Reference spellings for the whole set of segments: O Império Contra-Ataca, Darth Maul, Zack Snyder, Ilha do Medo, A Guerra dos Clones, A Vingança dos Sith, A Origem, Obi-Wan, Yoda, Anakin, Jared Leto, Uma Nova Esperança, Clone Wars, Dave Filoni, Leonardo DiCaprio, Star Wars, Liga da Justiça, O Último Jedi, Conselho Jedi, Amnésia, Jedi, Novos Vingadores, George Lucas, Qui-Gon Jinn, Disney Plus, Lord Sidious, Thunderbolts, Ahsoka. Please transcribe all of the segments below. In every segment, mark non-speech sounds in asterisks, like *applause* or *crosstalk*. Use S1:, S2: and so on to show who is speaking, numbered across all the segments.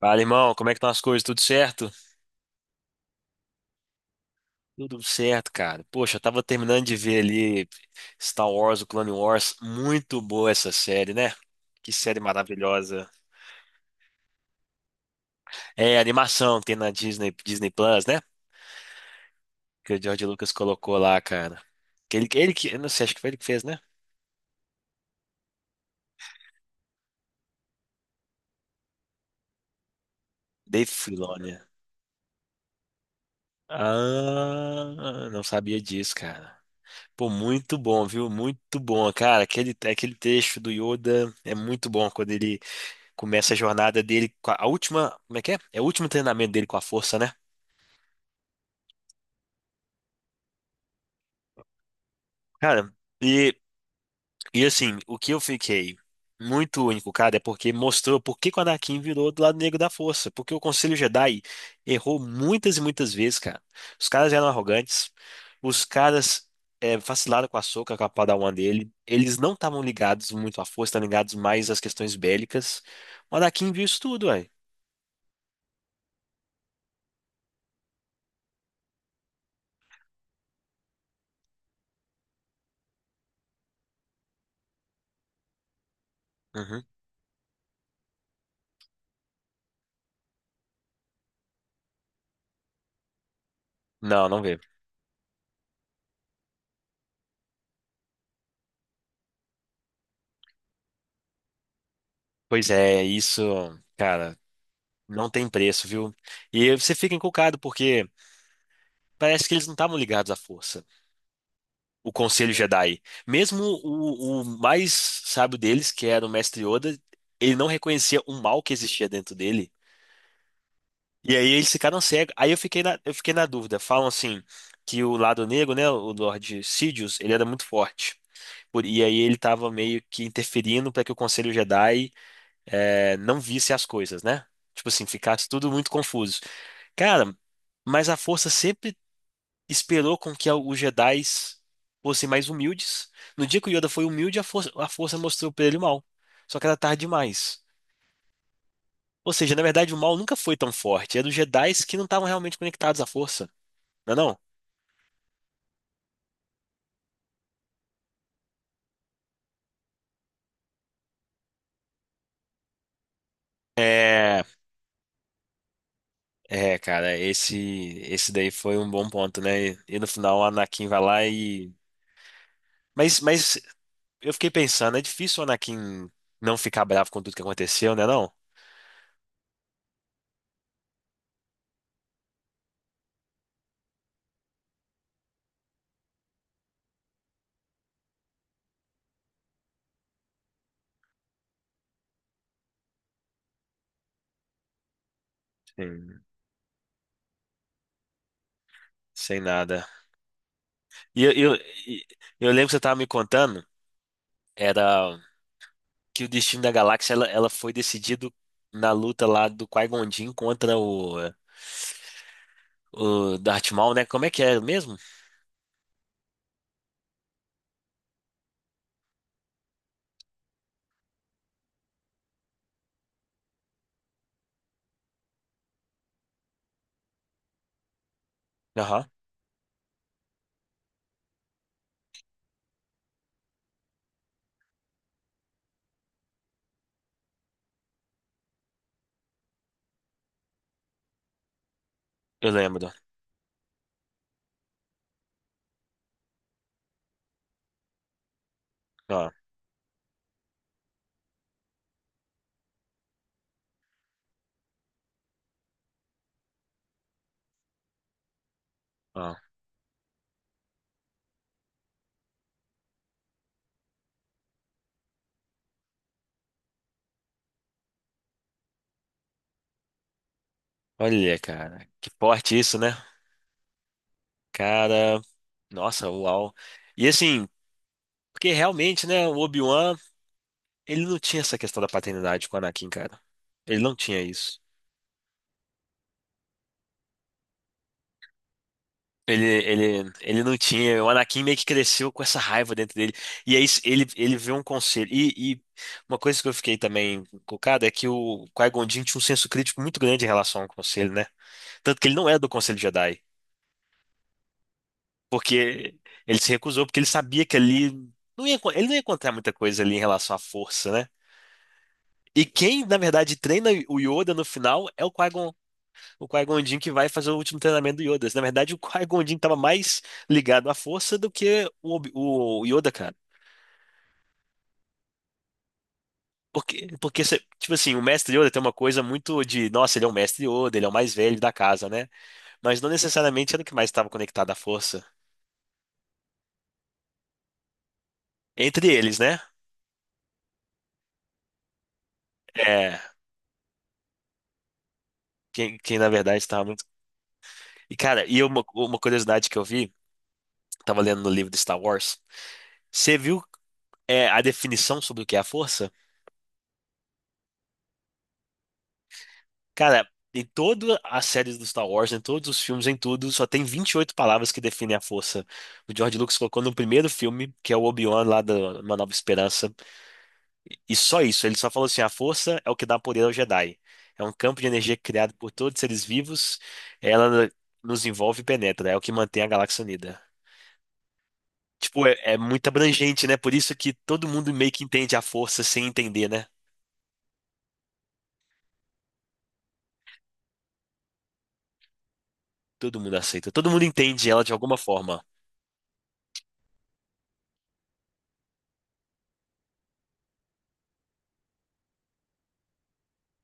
S1: Fala, irmão, como é que estão as coisas? Tudo certo? Tudo certo, cara. Poxa, eu tava terminando de ver ali Star Wars, o Clone Wars. Muito boa essa série, né? Que série maravilhosa. É, animação que tem na Disney, Disney Plus, né? Que o George Lucas colocou lá, cara. Que ele que, eu não sei, acho que foi ele que fez, né? Dave Filoni. Ah, não sabia disso, cara. Pô, muito bom, viu? Muito bom, cara. Aquele texto do Yoda é muito bom quando ele começa a jornada dele com a última, como é que é? É o último treinamento dele com a força, né? Cara, e, e assim, o que eu fiquei muito único, cara, é porque mostrou por que que o Anakin virou do lado negro da força, porque o Conselho Jedi errou muitas e muitas vezes, cara. Os caras eram arrogantes, os caras vacilaram com a Ahsoka, com a Padawan dele, eles não estavam ligados muito à força, estavam ligados mais às questões bélicas. O Anakin viu isso tudo, ué. Uhum. Não, não vê. Pois é, isso, cara. Não tem preço, viu? E você fica encucado porque parece que eles não estavam ligados à força, o Conselho Jedi. Mesmo o mais sábio deles, que era o Mestre Yoda, ele não reconhecia o mal que existia dentro dele. E aí eles ficaram cegos. Aí eu fiquei na dúvida. Falam assim que o lado negro, né, o Lord Sidious, ele era muito forte. E aí ele estava meio que interferindo para que o Conselho Jedi não visse as coisas, né? Tipo assim, ficasse tudo muito confuso. Cara, mas a força sempre esperou com que os Jedis fossem mais humildes. No dia que o Yoda foi humilde, a força mostrou pra ele o mal. Só que era tarde demais. Ou seja, na verdade, o mal nunca foi tão forte. Era os Jedis que não estavam realmente conectados à força. Não é não? É, é, cara, esse daí foi um bom ponto, né? E, no final, o Anakin vai lá e. Mas eu fiquei pensando, é difícil o Anakin não ficar bravo com tudo que aconteceu, né, não? Sim. Sem nada. E eu, eu, e- eu lembro que você tava me contando, era que o destino da galáxia, ela foi decidido na luta lá do Qui-Gon Jinn contra o Darth Maul, né? Como é que é mesmo? Aham, eu lembro. Ó, ó. Olha, cara, que forte isso, né? Cara, nossa, uau. E assim, porque realmente, né, o Obi-Wan, ele não tinha essa questão da paternidade com o Anakin, cara. Ele não tinha isso. Ele não tinha. O Anakin meio que cresceu com essa raiva dentro dele. E aí ele vê um conselho. E uma coisa que eu fiquei também colocado é que o Qui-Gon Jinn tinha um senso crítico muito grande em relação ao conselho, né? Tanto que ele não é do Conselho Jedi. Porque ele se recusou, porque ele sabia que ali ele não ia encontrar muita coisa ali em relação à força, né? E quem, na verdade, treina o Yoda no final é o Qui-Gon Jinn que vai fazer o último treinamento do Yoda. Na verdade, o Qui-Gon Jinn estava mais ligado à força do que o Yoda, cara. Tipo assim, o mestre Yoda tem uma coisa muito de, nossa, ele é o mestre Yoda, ele é o mais velho da casa, né? Mas não necessariamente era o que mais estava conectado à força. Entre eles, né? É, quem na verdade estava. E, cara, e uma curiosidade que eu vi, tava lendo no livro de Star Wars, você viu a definição sobre o que é a força? Cara, em todas as séries do Star Wars, em todos os filmes, em tudo, só tem 28 palavras que definem a força. O George Lucas colocou no primeiro filme, que é o Obi-Wan lá da Uma Nova Esperança, e só isso, ele só falou assim, a força é o que dá poder ao Jedi. É um campo de energia criado por todos os seres vivos, ela nos envolve e penetra, é o que mantém a galáxia unida. Tipo, é muito abrangente, né? Por isso que todo mundo meio que entende a força sem entender, né? Todo mundo aceita, todo mundo entende ela de alguma forma.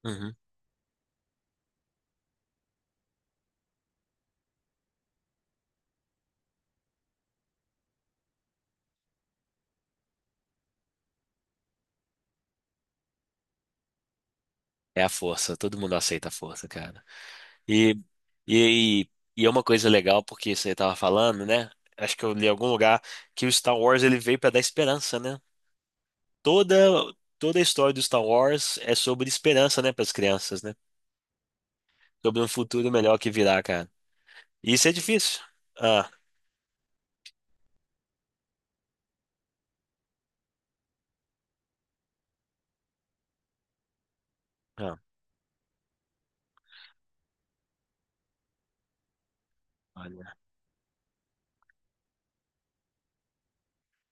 S1: Uhum. É a força, todo mundo aceita a força, cara. E, e, e é uma coisa legal, porque você tava falando, né? Acho que eu li em algum lugar que o Star Wars ele veio pra dar esperança, né? Toda, toda a história do Star Wars é sobre esperança, né, para as crianças, né? Sobre um futuro melhor que virá, cara. Isso é difícil. Ah, ah, olha.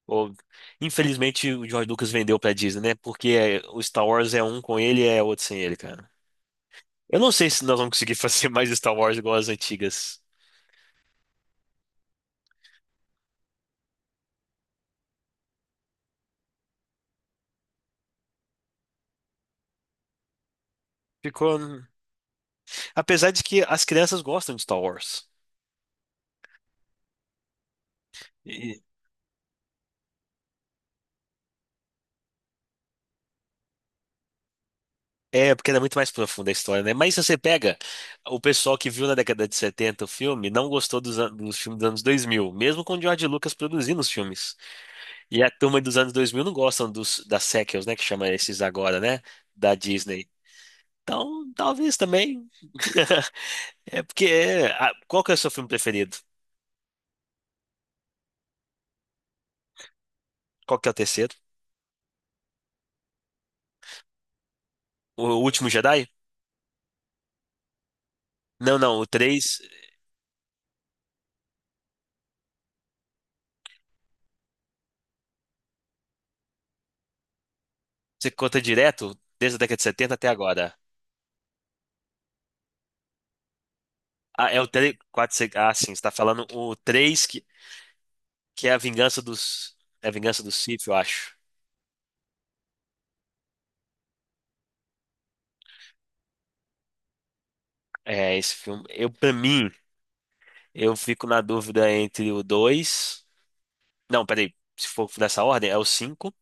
S1: Ou- Infelizmente o George Lucas vendeu pra Disney, né? O Star Wars é um com ele e é outro sem ele, cara. Eu não sei se nós vamos conseguir *laughs* fazer mais Star Wars igual as antigas. Ficou. Apesar de que as crianças gostam de Star Wars. E- É, porque era muito mais profunda a história, né? Mas se você pega o pessoal que viu na década de 70 o filme, não gostou dos, dos filmes dos anos 2000, mesmo com o George Lucas produzindo os filmes. E a turma dos anos 2000 não gostam dos, das sequels, né? Que chama esses agora, né? Da Disney. Então, talvez também. *laughs* É porque. Qual que é o seu filme preferido? Qual que é o terceiro? O Último Jedi? Não, não. O três. Você conta direto desde a década de 70 até agora. Ah, é o três. Quatro, 4, ah, sim. Você tá falando o 3 que é a vingança dos. É a vingança dos Sith, eu acho. É, esse filme. Eu, pra mim, eu fico na dúvida entre o dois. Não, peraí. Se for nessa ordem, é o cinco.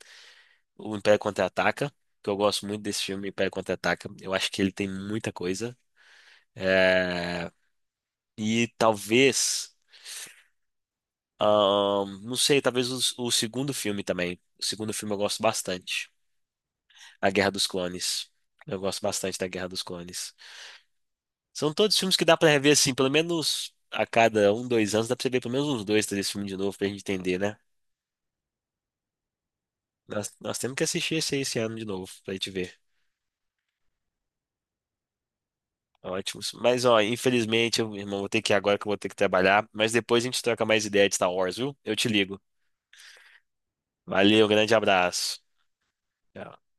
S1: O Império Contra-Ataca, que eu gosto muito desse filme, Império Contra-Ataca. Eu acho que ele tem muita coisa. É, e talvez, não sei, talvez o segundo filme também. O segundo filme eu gosto bastante. A Guerra dos Clones. Eu gosto bastante da Guerra dos Clones. São todos filmes que dá pra rever assim, pelo menos a cada um, dois anos, dá pra você ver pelo menos uns dois, três filmes de novo pra gente entender, né? Nós temos que assistir esse ano de novo pra gente ver. Ótimos. Mas, ó, infelizmente, eu, irmão, vou ter que ir agora que eu vou ter que trabalhar. Mas depois a gente troca mais ideia de Star Wars, viu? Eu te ligo. Valeu, grande abraço. Tchau.